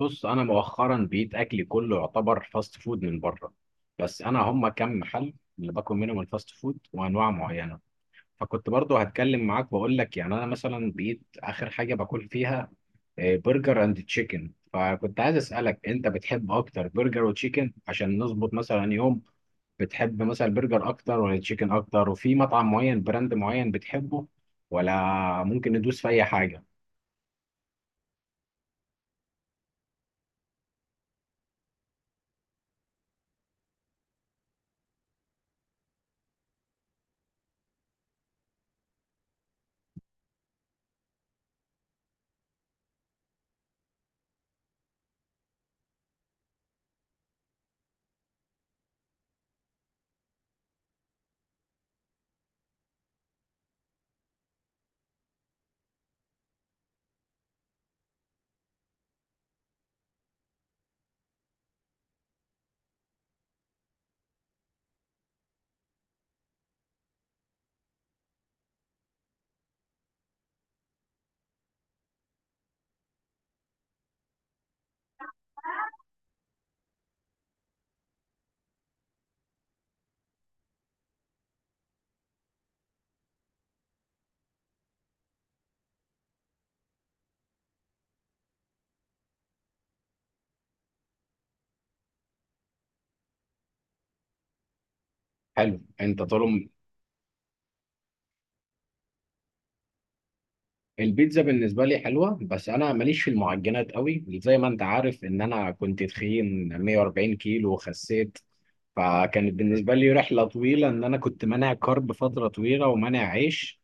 بص، انا مؤخرا بقيت اكلي كله يعتبر فاست فود من بره. بس انا هم كم محل اللي باكل منهم الفاست فود وانواع معينه. فكنت برضو هتكلم معاك واقول لك يعني انا مثلا بقيت اخر حاجه باكل فيها برجر اند تشيكن. فكنت عايز اسالك انت بتحب اكتر برجر وتشيكن عشان نظبط مثلا يوم. بتحب مثلا برجر اكتر ولا تشيكن اكتر؟ وفي مطعم معين براند معين بتحبه، ولا ممكن ندوس في اي حاجه؟ حلو. انت طول. البيتزا بالنسبة لي حلوة، بس أنا ماليش في المعجنات قوي، زي ما أنت عارف إن أنا كنت تخين 140 كيلو وخسيت. فكانت بالنسبة لي رحلة طويلة، إن أنا كنت مانع كارب فترة طويلة ومانع عيش.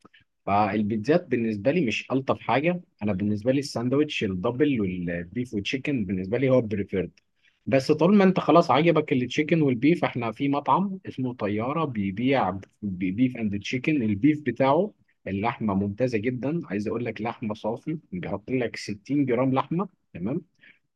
فالبيتزات بالنسبة لي مش ألطف حاجة. أنا بالنسبة لي الساندوتش الدبل والبيف والتشيكن بالنسبة لي هو بريفيرد. بس طول ما أنت خلاص عجبك التشيكن والبيف، إحنا في مطعم اسمه طيارة بيبيع بيف أند تشيكن. البيف بتاعه اللحمة ممتازة جدا. عايز أقول لك لحمة صافي، بيحط لك 60 جرام لحمة. تمام.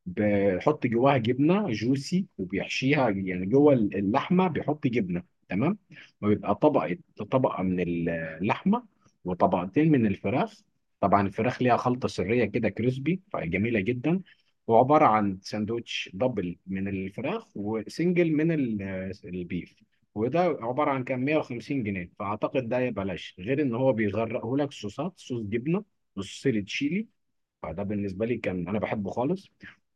بيحط جواها جبنه جوسي وبيحشيها، يعني جوه اللحمه بيحط جبنه. تمام. وبيبقى طبقه، طبقه من اللحمه وطبقتين من الفراخ. طبعا الفراخ ليها خلطه سريه كده كريسبي، فجميله جدا. وعباره عن ساندوتش دبل من الفراخ وسنجل من البيف. وده عباره عن كام 150 جنيه، فاعتقد ده بلاش، غير ان هو بيغرقه لك صوصات، صوص جبنه وصوص تشيلي. فده بالنسبه لي كان انا بحبه خالص.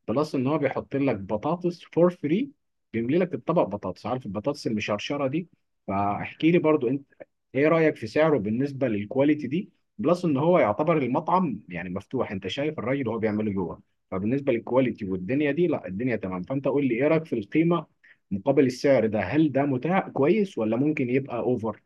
بلس ان هو بيحط لك بطاطس فور فري، بيملي لك الطبق بطاطس، عارف البطاطس المشرشره دي. فاحكي لي برضو انت، ايه رايك في سعره بالنسبه للكواليتي دي؟ بلس ان هو يعتبر المطعم يعني مفتوح، انت شايف الراجل وهو بيعمله جوه. فبالنسبه للكواليتي والدنيا دي، لا الدنيا تمام. فانت قول لي ايه رايك في القيمه مقابل السعر ده. هل ده متاح كويس ولا ممكن يبقى اوفر؟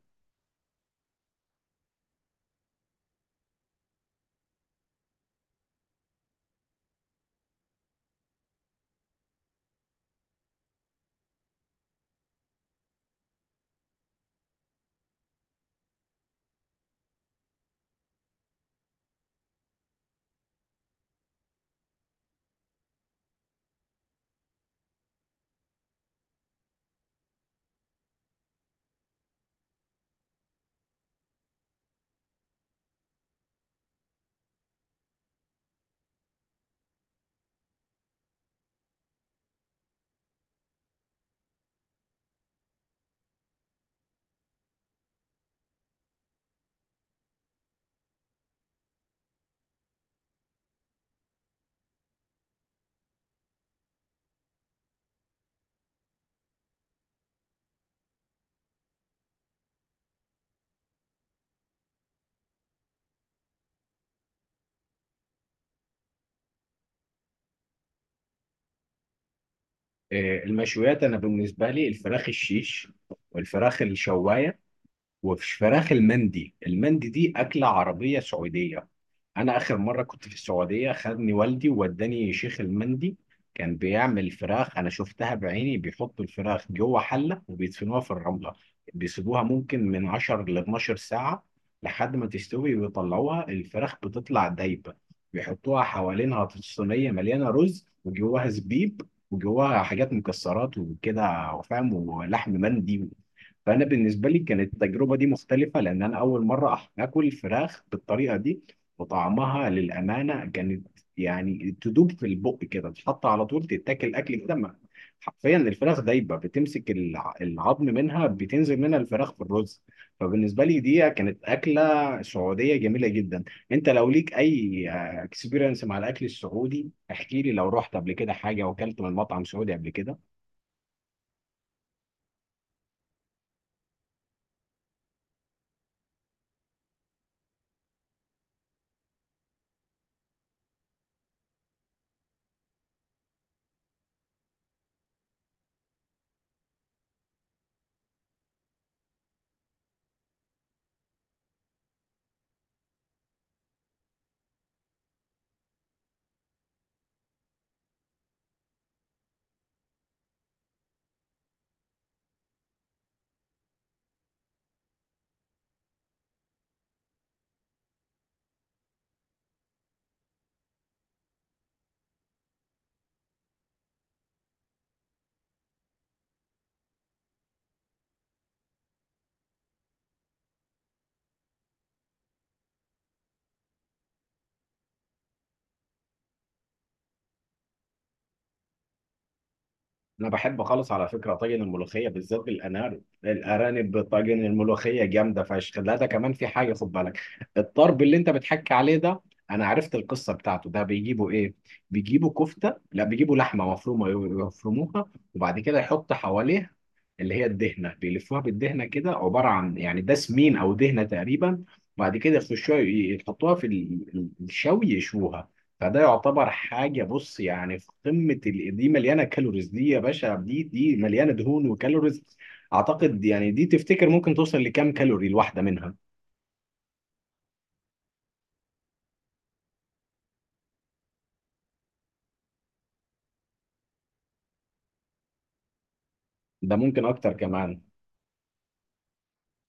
المشويات انا بالنسبه لي الفراخ الشيش والفراخ الشوايه. وفي فراخ المندي. المندي دي أكلة عربية سعودية. أنا آخر مرة كنت في السعودية خدني والدي ووداني شيخ المندي. كان بيعمل فراخ، أنا شفتها بعيني، بيحطوا الفراخ جوه حلة وبيدفنوها في الرملة. بيسيبوها ممكن من 10 ل 12 ساعة لحد ما تستوي ويطلعوها. الفراخ بتطلع دايبة، بيحطوها حوالينها في صينية مليانة رز وجواها زبيب وجواها حاجات مكسرات وكده وفاهم، ولحم مندي. فانا بالنسبه لي كانت التجربه دي مختلفه، لان انا اول مره اكل فراخ بالطريقه دي. وطعمها للامانه كانت يعني تدوب في البق كده، تحط على طول تتاكل، اكل كده حرفيا الفراخ دايبه، بتمسك العظم منها بتنزل منها الفراخ في الرز. فبالنسبه لي دي كانت اكله سعوديه جميله جدا. انت لو ليك اي اكسبيرينس مع الاكل السعودي احكي لي، لو رحت قبل كده حاجه واكلت من مطعم سعودي قبل كده. انا بحب خالص على فكره طاجن الملوخيه، بالذات بالارانب. الارانب طاجن الملوخيه جامده فشخ. لا، ده كمان في حاجه، خد بالك، الطرب اللي انت بتحكي عليه ده انا عرفت القصه بتاعته. ده بيجيبوا ايه؟ بيجيبوا كفته، لا بيجيبوا لحمه مفرومه، يفرموها وبعد كده يحط حواليها اللي هي الدهنه، بيلفوها بالدهنه كده، عباره عن يعني ده سمين او دهنه تقريبا. بعد كده يخشوها يحطوها في الشوي، يشوها. فده يعتبر حاجه، بص يعني في قمه دي، مليانه كالوريز. دي يا باشا، دي مليانه دهون وكالوريز. اعتقد يعني دي تفتكر ممكن توصل لكام كالوري الواحده منها؟ ده ممكن اكتر كمان.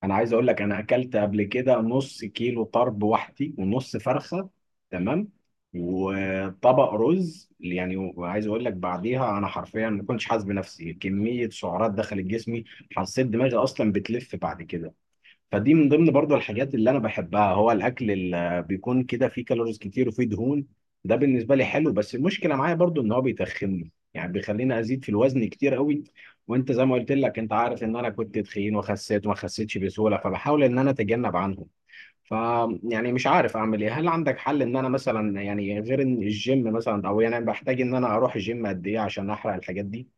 انا عايز اقول لك، انا اكلت قبل كده نص كيلو طرب وحدي ونص فرخه. تمام. وطبق رز يعني. وعايز اقول لك بعديها انا حرفيا ما كنتش حاسس بنفسي، كميه سعرات دخلت جسمي. حسيت دماغي اصلا بتلف بعد كده. فدي من ضمن برضو الحاجات اللي انا بحبها، هو الاكل اللي بيكون كده فيه كالوريز كتير وفيه دهون. ده بالنسبه لي حلو، بس المشكله معايا برضو ان هو بيتخنني، يعني بيخليني ازيد في الوزن كتير قوي. وانت زي ما قلت لك، انت عارف ان انا كنت تخين وخسيت وما خسيتش بسهوله، فبحاول ان انا اتجنب عنهم. ف يعني مش عارف اعمل ايه. هل عندك حل، ان انا مثلا يعني غير ان الجيم، مثلا او يعني بحتاج ان انا اروح الجيم قد ايه عشان احرق الحاجات دي؟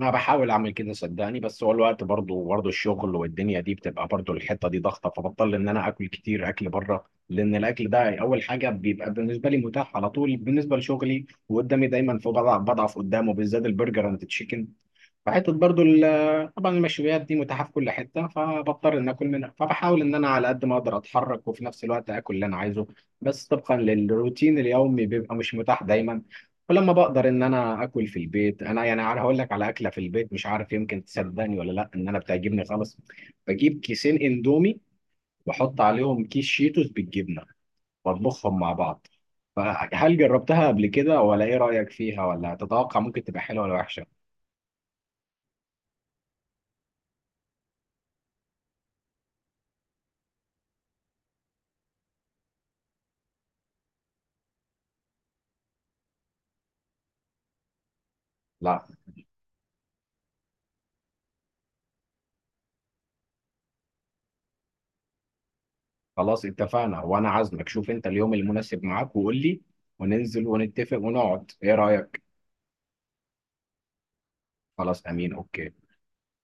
انا بحاول اعمل كده صدقني، بس هو الوقت برضه الشغل والدنيا دي، بتبقى برضه الحته دي ضغطه، فبضطر ان انا اكل كتير، اكل بره. لان الاكل ده اول حاجه بيبقى بالنسبه لي متاح على طول بالنسبه لشغلي، وقدامي دايما، في بضعف قدامه، بالذات البرجر اند تشيكن. وحتة برضو، طبعا المشويات دي متاحة في كل حتة، فبضطر إن آكل منها. فبحاول إن أنا على قد ما أقدر أتحرك وفي نفس الوقت آكل اللي أنا عايزه. بس طبقا للروتين اليومي بيبقى مش متاح دايما. ولما بقدر إن أنا آكل في البيت، أنا يعني عارف هقول لك على أكلة في البيت، مش عارف يمكن تصدقني ولا لأ، إن أنا بتعجبني خالص. بجيب كيسين إندومي وأحط عليهم كيس شيتوس بالجبنة وأطبخهم مع بعض. فهل جربتها قبل كده، ولا إيه رأيك فيها، ولا تتوقع ممكن تبقى حلوة ولا وحشة؟ لا، خلاص اتفقنا، وانا عازمك. شوف انت اليوم المناسب معاك وقول لي، وننزل ونتفق ونقعد. ايه رأيك؟ خلاص، امين، اوكي.